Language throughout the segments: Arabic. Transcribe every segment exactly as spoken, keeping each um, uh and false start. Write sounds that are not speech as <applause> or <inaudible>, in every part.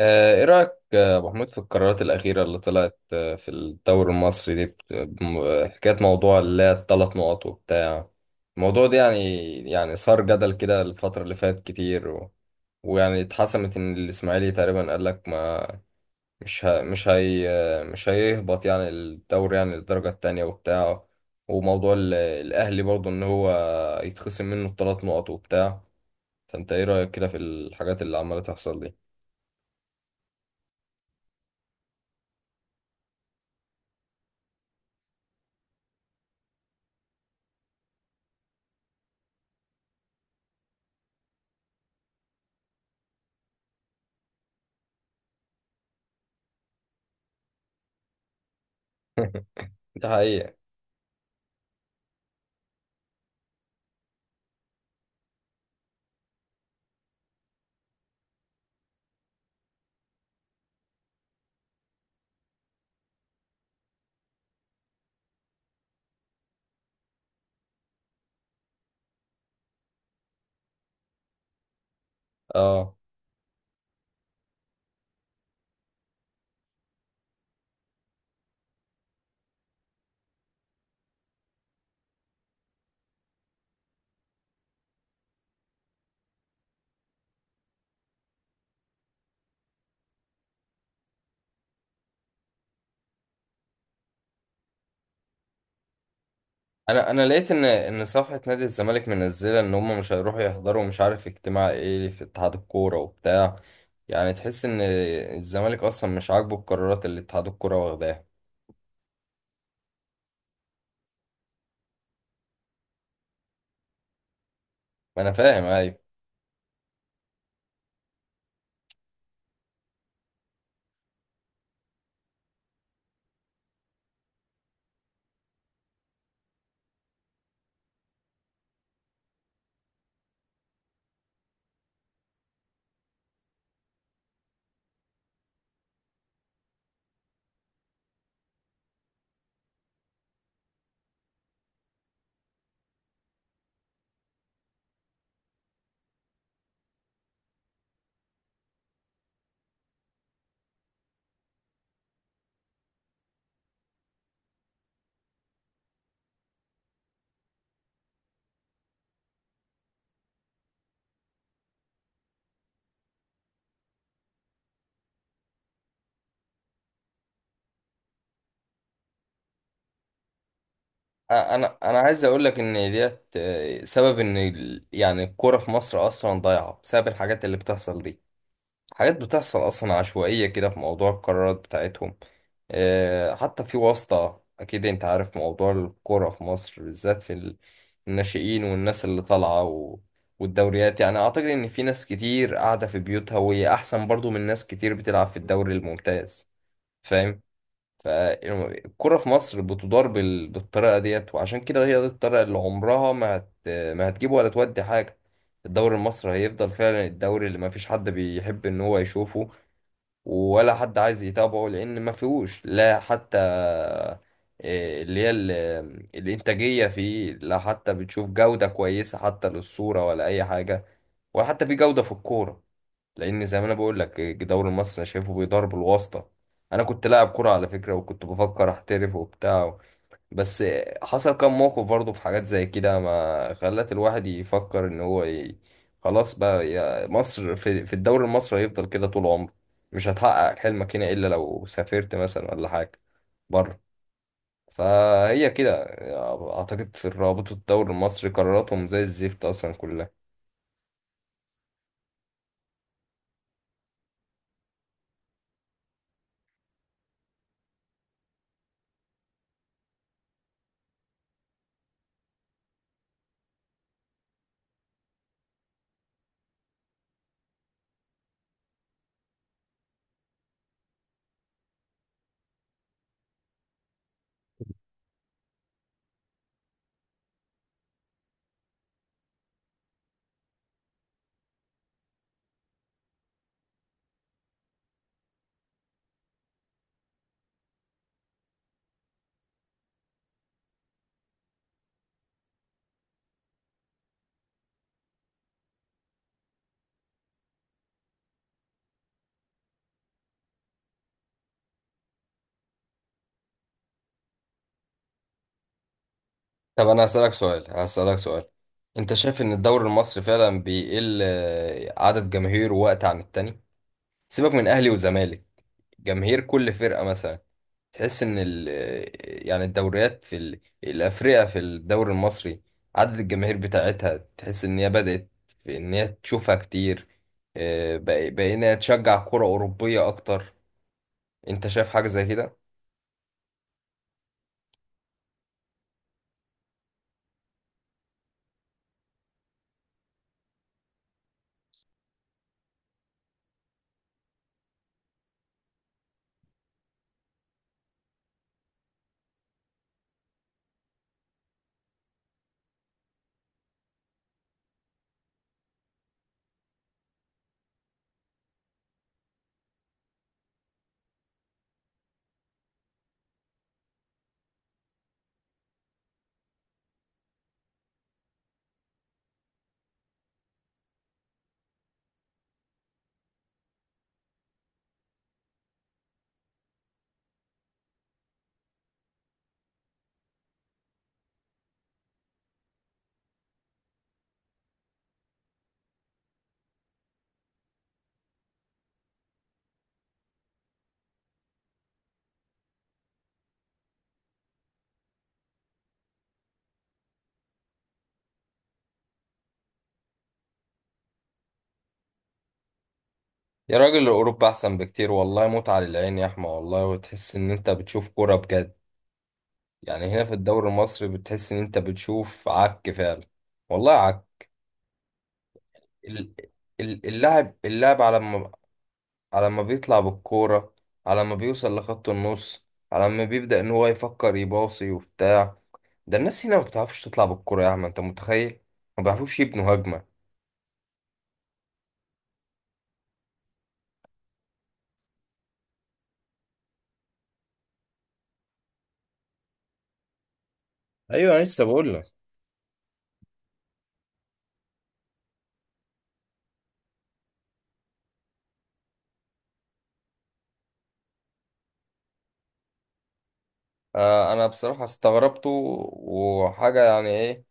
آه، ايه رأيك، آه، ابو حميد، في القرارات الأخيرة اللي طلعت، آه، في الدوري المصري دي، بت- بم- حكاية موضوع اللي هي الثلاث نقط وبتاع الموضوع ده. يعني يعني صار جدل كده الفترة اللي فاتت كتير و... ويعني اتحسمت ان الإسماعيلي تقريبا قال لك ما مش ه... مش هي آه، مش هيهبط، يعني الدوري، يعني للدرجة التانية وبتاع. وموضوع ال... الأهلي برضه ان هو يتخصم منه الثلاث نقط وبتاع. فانت ايه رأيك كده في الحاجات اللي عمالة تحصل دي؟ <laughs> ده حقيقة. اه، انا انا لقيت ان ان صفحه نادي الزمالك منزله ان هم مش هيروحوا يحضروا، مش عارف اجتماع ايه في اتحاد الكوره وبتاع. يعني تحس ان الزمالك اصلا مش عاجبه القرارات اللي اتحاد الكوره واخداها. ما انا فاهم، ايوه. أ- انا انا عايز اقول لك ان ديت آه، سبب ان ال- يعني الكوره في مصر اصلا ضايعه بسبب الحاجات اللي بتحصل دي. حاجات بتحصل أصلا عشوائية كده في موضوع القرارات بتاعتهم. آه، حتى في واسطة، أكيد أنت عارف موضوع الكورة في مصر، بالذات في ال- الناشئين والناس اللي طالعة و... والدوريات يعني أعتقد إن في ناس كتير قاعدة في بيوتها وهي أحسن برضو من ناس كتير بتلعب في الدوري الممتاز. فاهم؟ فالكرة في مصر بتدار بال... بالطريقة ديت، وعشان كده هي دي الطريقة اللي عمرها ما هت... ما هتجيب ولا تودي حاجة. الدوري المصري هيفضل فعلا الدوري اللي ما فيش حد بيحب ان هو يشوفه، ولا حد عايز يتابعه، لان ما فيهوش لا حتى إيه اللي هي ال- الانتاجية فيه، لا حتى بتشوف جودة كويسة حتى للصورة ولا اي حاجة، ولا حتى في جودة في الكورة. لان زي ما انا بقول لك، الدوري المصري انا شايفه بيدار بالواسطه. انا كنت لاعب كوره على فكره، وكنت بفكر احترف وبتاع. بس حصل كام موقف برضه في حاجات زي كده ما خلت الواحد يفكر ان هو ي... خلاص بقى يا مصر. في, في الدوري المصري هيفضل كده طول عمره. مش هتحقق حلمك هنا الا لو سافرت مثلا ولا حاجه بره. فهي كده. اعتقد في رابطه الدوري المصري قراراتهم زي الزفت اصلا كلها. طب انا هسألك سؤال هسألك سؤال انت شايف ان الدوري المصري فعلا بيقل، آه، عدد جماهيره وقت عن التاني؟ سيبك من اهلي وزمالك. جماهير كل فرقة مثلا، تحس ان ال آه، يعني الدوريات في ال- الافريقيا، في الدوري المصري عدد الجماهير بتاعتها تحس ان هي بدأت في ان هي تشوفها كتير. آه، بق- بقينا تشجع كرة أوروبية اكتر. انت شايف حاجة زي كده؟ يا راجل، اوروبا احسن بكتير والله، متعة للعين يا احمد والله، وتحس ان انت بتشوف كرة بجد. يعني هنا في الدوري المصري بتحس ان انت بتشوف عك فعلا، والله عك. ال- ال- اللاعب اللاعب على ما على ما بيطلع بالكورة، على ما بيوصل لخط النص، على ما بيبدأ ان هو يفكر يباصي وبتاع. ده الناس هنا ما بتعرفش تطلع بالكورة، يا عم انت متخيل؟ ما بيعرفوش يبنوا هجمة. ايوه، أنا لسه بقول لك. آه، انا بصراحة استغربته. وحاجة يعني ايه،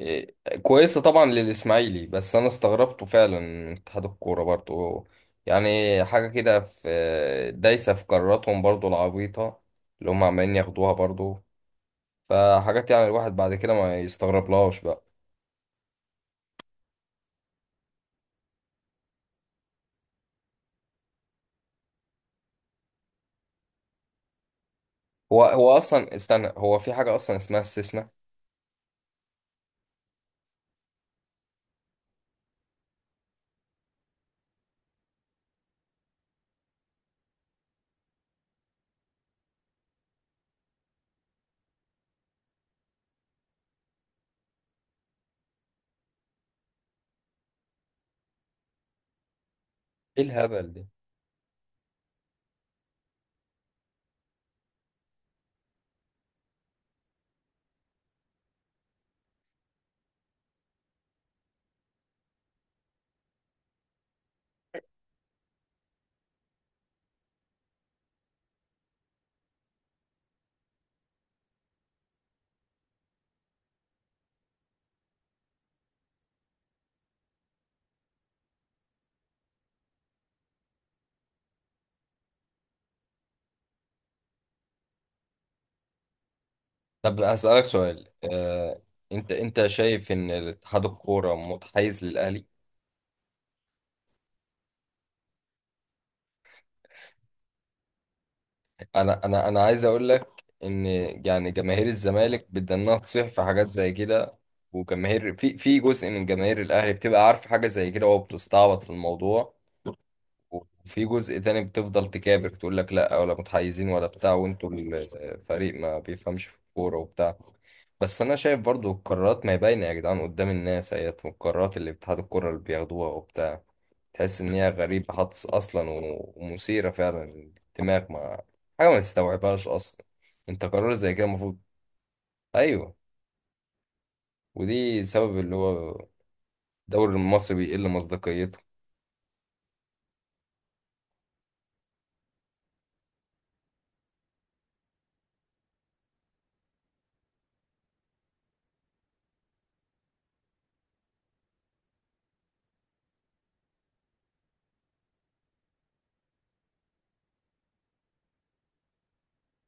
إيه، كويسة طبعا للإسماعيلي، بس أنا استغربته فعلا من اتحاد الكورة برضو. يعني حاجة كده، في دايسة في قراراتهم برضو العبيطة اللي هم عمالين ياخدوها برضو. فحاجات يعني الواحد بعد كده ما يستغربلهاش بقى. هو هو أصلا، استنى، هو في حاجة أصلا اسمها استثناء؟ إيه الهبل ده؟ طب أسألك سؤال. آه أنت أنت شايف إن اتحاد الكورة متحيز للأهلي؟ انا انا انا عايز اقول لك ان يعني جماهير الزمالك بدنا تصيح في حاجات زي كده، وجماهير، في في جزء من جماهير الاهلي بتبقى عارف حاجه زي كده وبتستعبط في الموضوع. وفي جزء تاني بتفضل تكابر تقول لك لا، ولا متحيزين ولا بتاع، وانتوا الفريق ما بيفهمش في الكوره وبتاع. بس انا شايف برضو القرارات ما هي باينه يا جدعان قدام الناس اهيت، والقرارات اللي اتحاد الكوره اللي بياخدوها وبتاع تحس ان هي غريبة حدس اصلا، و- ومثيرة فعلا للدماغ، ما حاجة ما تستوعبهاش اصلا. انت قرار زي كده المفروض. ايوه. ودي سبب اللي هو الدوري المصري بيقل مصداقيته.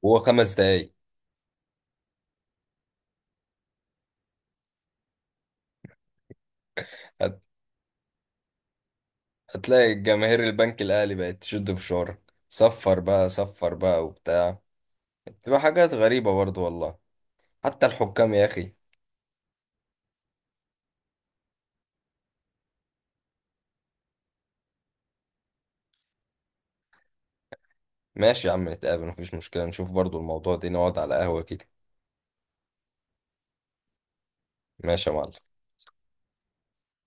وهو خمس دقايق. هت- هتلاقي جماهير البنك الاهلي بقت تشد في شعرك. صفر بقى، صفر بقى وبتاع. بتبقى حاجات غريبة برضه والله. حتى الحكام يا اخي. ماشي يا عم، نتقابل مفيش مشكلة، نشوف برضه الموضوع ده، نقعد على قهوة كده. ماشي يا معلم.